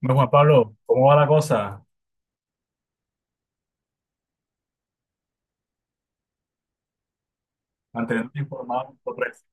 Bueno, Juan Pablo, ¿cómo va la cosa? Manteniéndote informado por redes.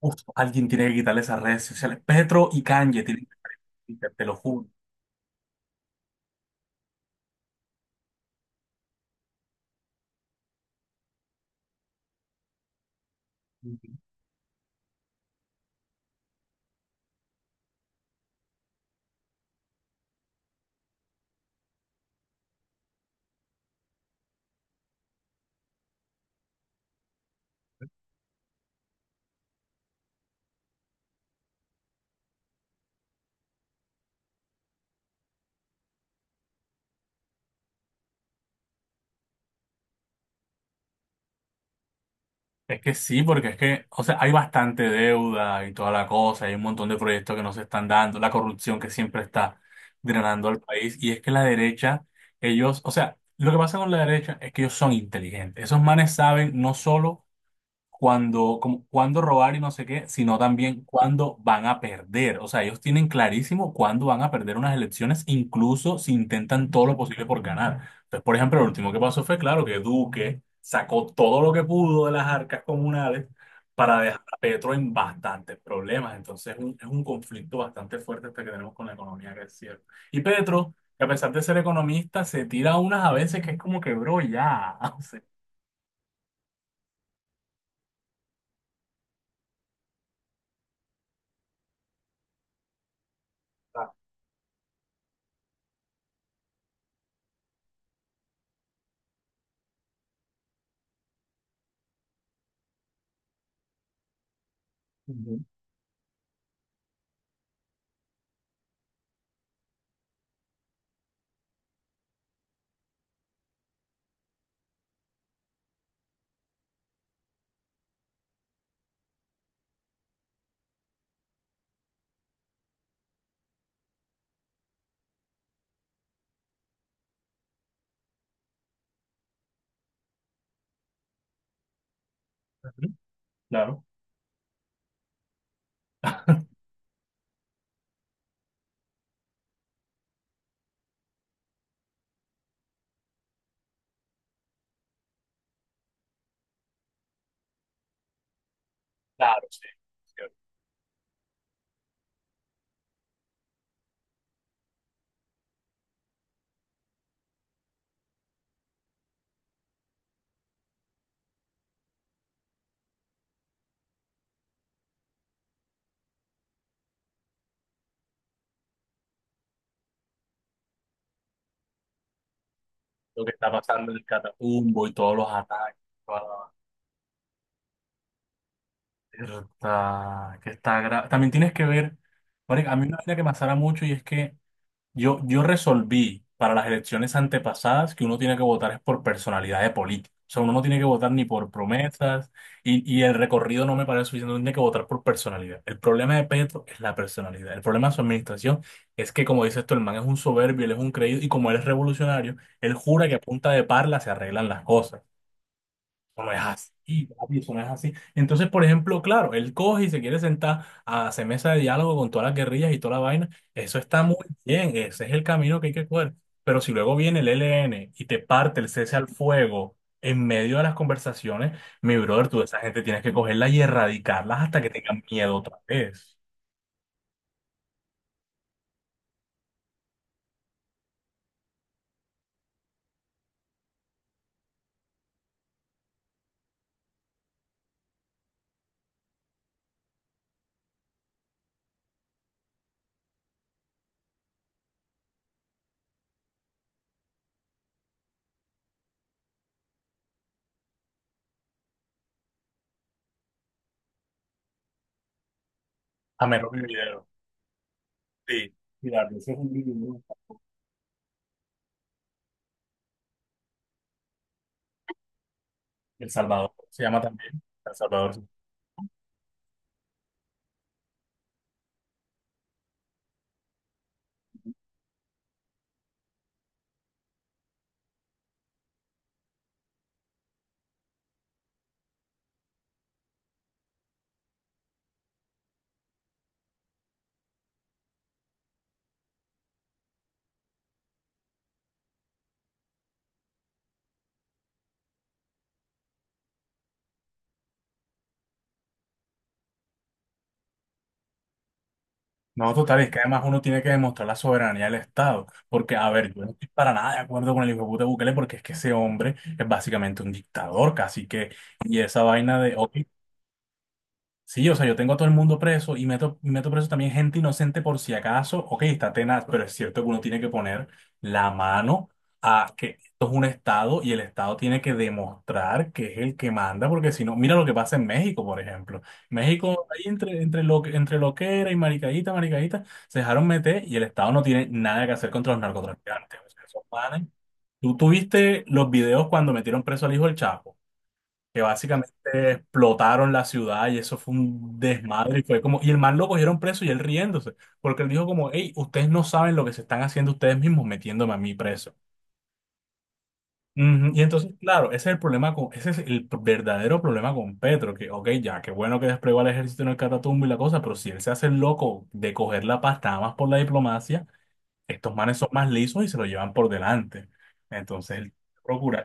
Uf, alguien tiene que quitarle esas redes sociales. Petro y Kanye tienen que salir de Twitter, te lo juro. Es que sí, porque es que, o sea, hay bastante deuda y toda la cosa, hay un montón de proyectos que no se están dando, la corrupción que siempre está drenando al país, y es que la derecha, ellos, o sea, lo que pasa con la derecha es que ellos son inteligentes. Esos manes saben no solo cuando, como, cuándo robar y no sé qué, sino también cuándo van a perder. O sea, ellos tienen clarísimo cuándo van a perder unas elecciones, incluso si intentan todo lo posible por ganar. Entonces, por ejemplo, lo último que pasó fue, claro, que Duque sacó todo lo que pudo de las arcas comunales para dejar a Petro en bastantes problemas. Entonces, es un conflicto bastante fuerte este que tenemos con la economía, que es cierto. Y Petro, que a pesar de ser economista, se tira unas a veces que es como que, bro, ya. O sea, Ah, Ujú. Claro. Claro, sí. Sí. Lo que está pasando en el Catatumbo y todos los ataques. Toda la está, que está gra- también tienes que ver, marica, a mí una vaina que me asara mucho y es que yo resolví para las elecciones antepasadas que uno tiene que votar es por personalidad de político. O sea, uno no tiene que votar ni por promesas y el recorrido no me parece suficiente, uno tiene que votar por personalidad. El problema de Petro es la personalidad. El problema de su administración es que, como dices tú, el man es un soberbio, él es un creído y como él es revolucionario, él jura que a punta de parla se arreglan las cosas. Eso no es así, papi, eso no es así. Entonces, por ejemplo, claro, él coge y se quiere sentar a hacer mesa de diálogo con todas las guerrillas y toda la vaina. Eso está muy bien, ese es el camino que hay que coger. Pero si luego viene el ELN y te parte el cese al fuego en medio de las conversaciones, mi brother, tú de esa gente tienes que cogerla y erradicarlas hasta que tengan miedo otra vez. A menos que... video. Sí, mira, ese es un video, ¿no? El Salvador se llama también. El Salvador. No, total, es que además uno tiene que demostrar la soberanía del Estado, porque, a ver, yo no estoy para nada de acuerdo con el hijo de puta Bukele, porque es que ese hombre es básicamente un dictador, casi que, y esa vaina de, ok. Sí, o sea, yo tengo a todo el mundo preso y meto preso también gente inocente por si acaso. Ok, está tenaz, pero es cierto que uno tiene que poner la mano a que esto es un Estado y el Estado tiene que demostrar que es el que manda, porque si no, mira lo que pasa en México, por ejemplo. México, ahí entre loquera y maricadita, maricadita, se dejaron meter y el Estado no tiene nada que hacer contra los narcotraficantes. O sea, esos manes. ¿Tú viste los videos cuando metieron preso al hijo del Chapo? Que básicamente explotaron la ciudad y eso fue un desmadre y fue como, y el man lo cogieron preso y él riéndose, porque él dijo como, hey, ustedes no saben lo que se están haciendo ustedes mismos metiéndome a mí preso. Ujú. Y entonces, claro, ese es el p- verdadero problema con Petro, que, ok, ya, qué bueno que desplegó al ejército en el Catatumbo y la cosa, pero si él se hace el loco de coger la pasta nada más por la diplomacia, estos manes son más lisos y se lo llevan por delante. Entonces, él procura,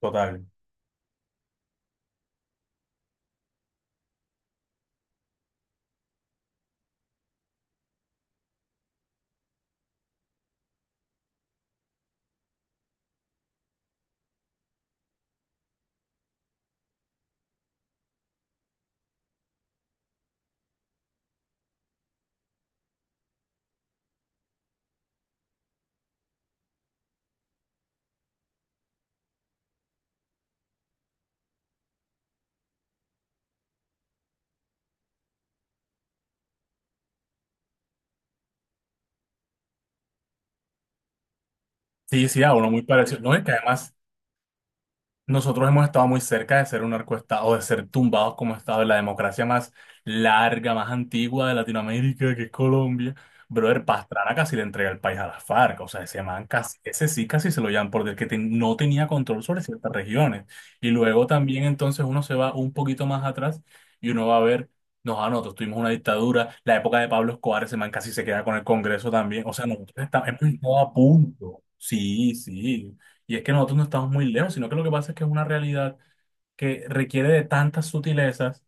total. Sí, sí, a uno muy parecido. No, es que además nosotros hemos estado muy cerca de ser un narcoestado, de ser tumbados como estado de la democracia más larga, más antigua de Latinoamérica, que es Colombia. Brother, Pastrana casi le entrega el país a las FARC, o sea, ese man casi, ese sí casi se lo llaman porque que ten- no tenía control sobre ciertas regiones. Y luego también entonces uno se va un poquito más atrás y uno va a ver, no, ah, no, nosotros tuvimos una dictadura, la época de Pablo Escobar, ese man casi se queda con el Congreso también, o sea, nosotros estamos, hemos estado a punto. Sí, sí. Y es que nosotros no estamos muy lejos, sino que lo que pasa es que es una realidad que requiere de tantas sutilezas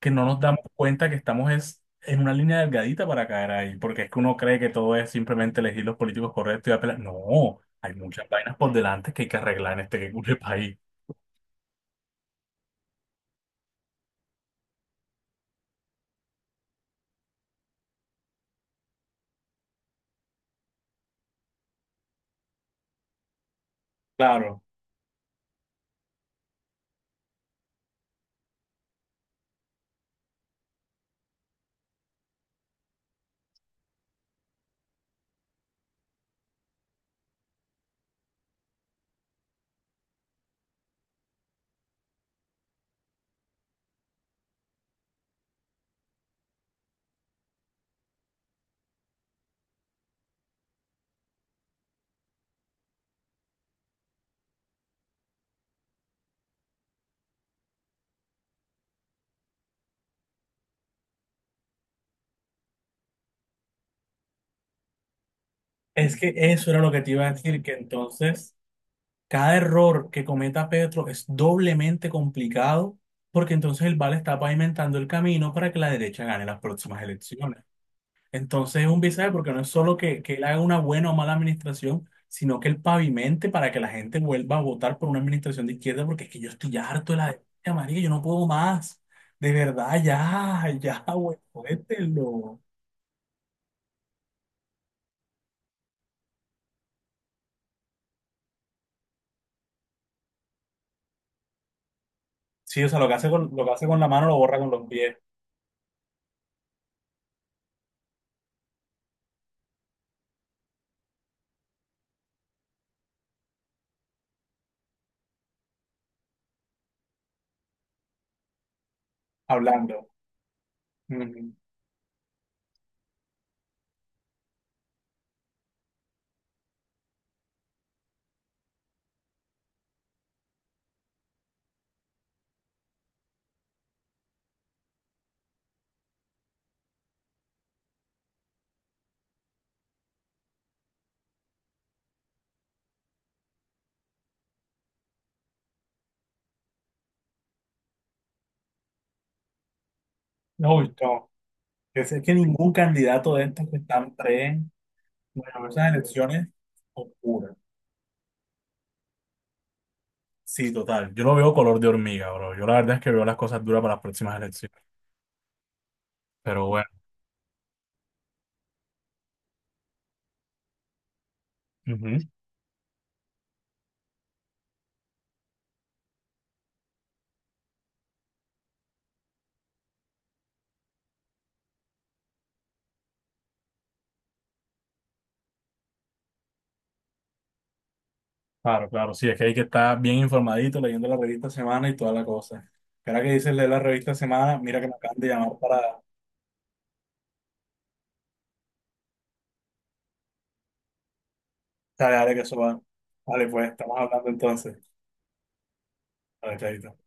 que no nos damos cuenta que estamos es en una línea delgadita para caer ahí, porque es que uno cree que todo es simplemente elegir los políticos correctos y apelar. No, hay muchas vainas por delante que hay que arreglar en este que país. Claro, es que eso era lo que te iba a decir, que entonces cada error que cometa Petro es doblemente complicado porque entonces el VAR está pavimentando el camino para que la derecha gane las próximas elecciones. Entonces es un visaje porque no es solo que él haga una buena o mala administración, sino que él pavimente para que la gente vuelva a votar por una administración de izquierda, porque es que yo estoy harto de la derecha, marica, yo no puedo más. De verdad, ya, ya, güey, cuéntenlo. Sí, o sea, lo que hace con la mano lo borra con los pies, hablando. Ujú. No, uy, no. Es que ningún candidato de estos que están pre bueno, esas elecciones oscuras. Sí, total. Yo lo veo color de hormiga, bro. Yo la verdad es que veo las cosas duras para las próximas elecciones. Pero bueno, ujú. Claro, claro, sí, es que hay que estar bien informadito leyendo la revista Semana y toda la cosa. Ahora que dices leer la revista Semana, mira que me acaban de llamar para saber de que eso va. Vale, pues, estamos hablando entonces. Vale, chaito.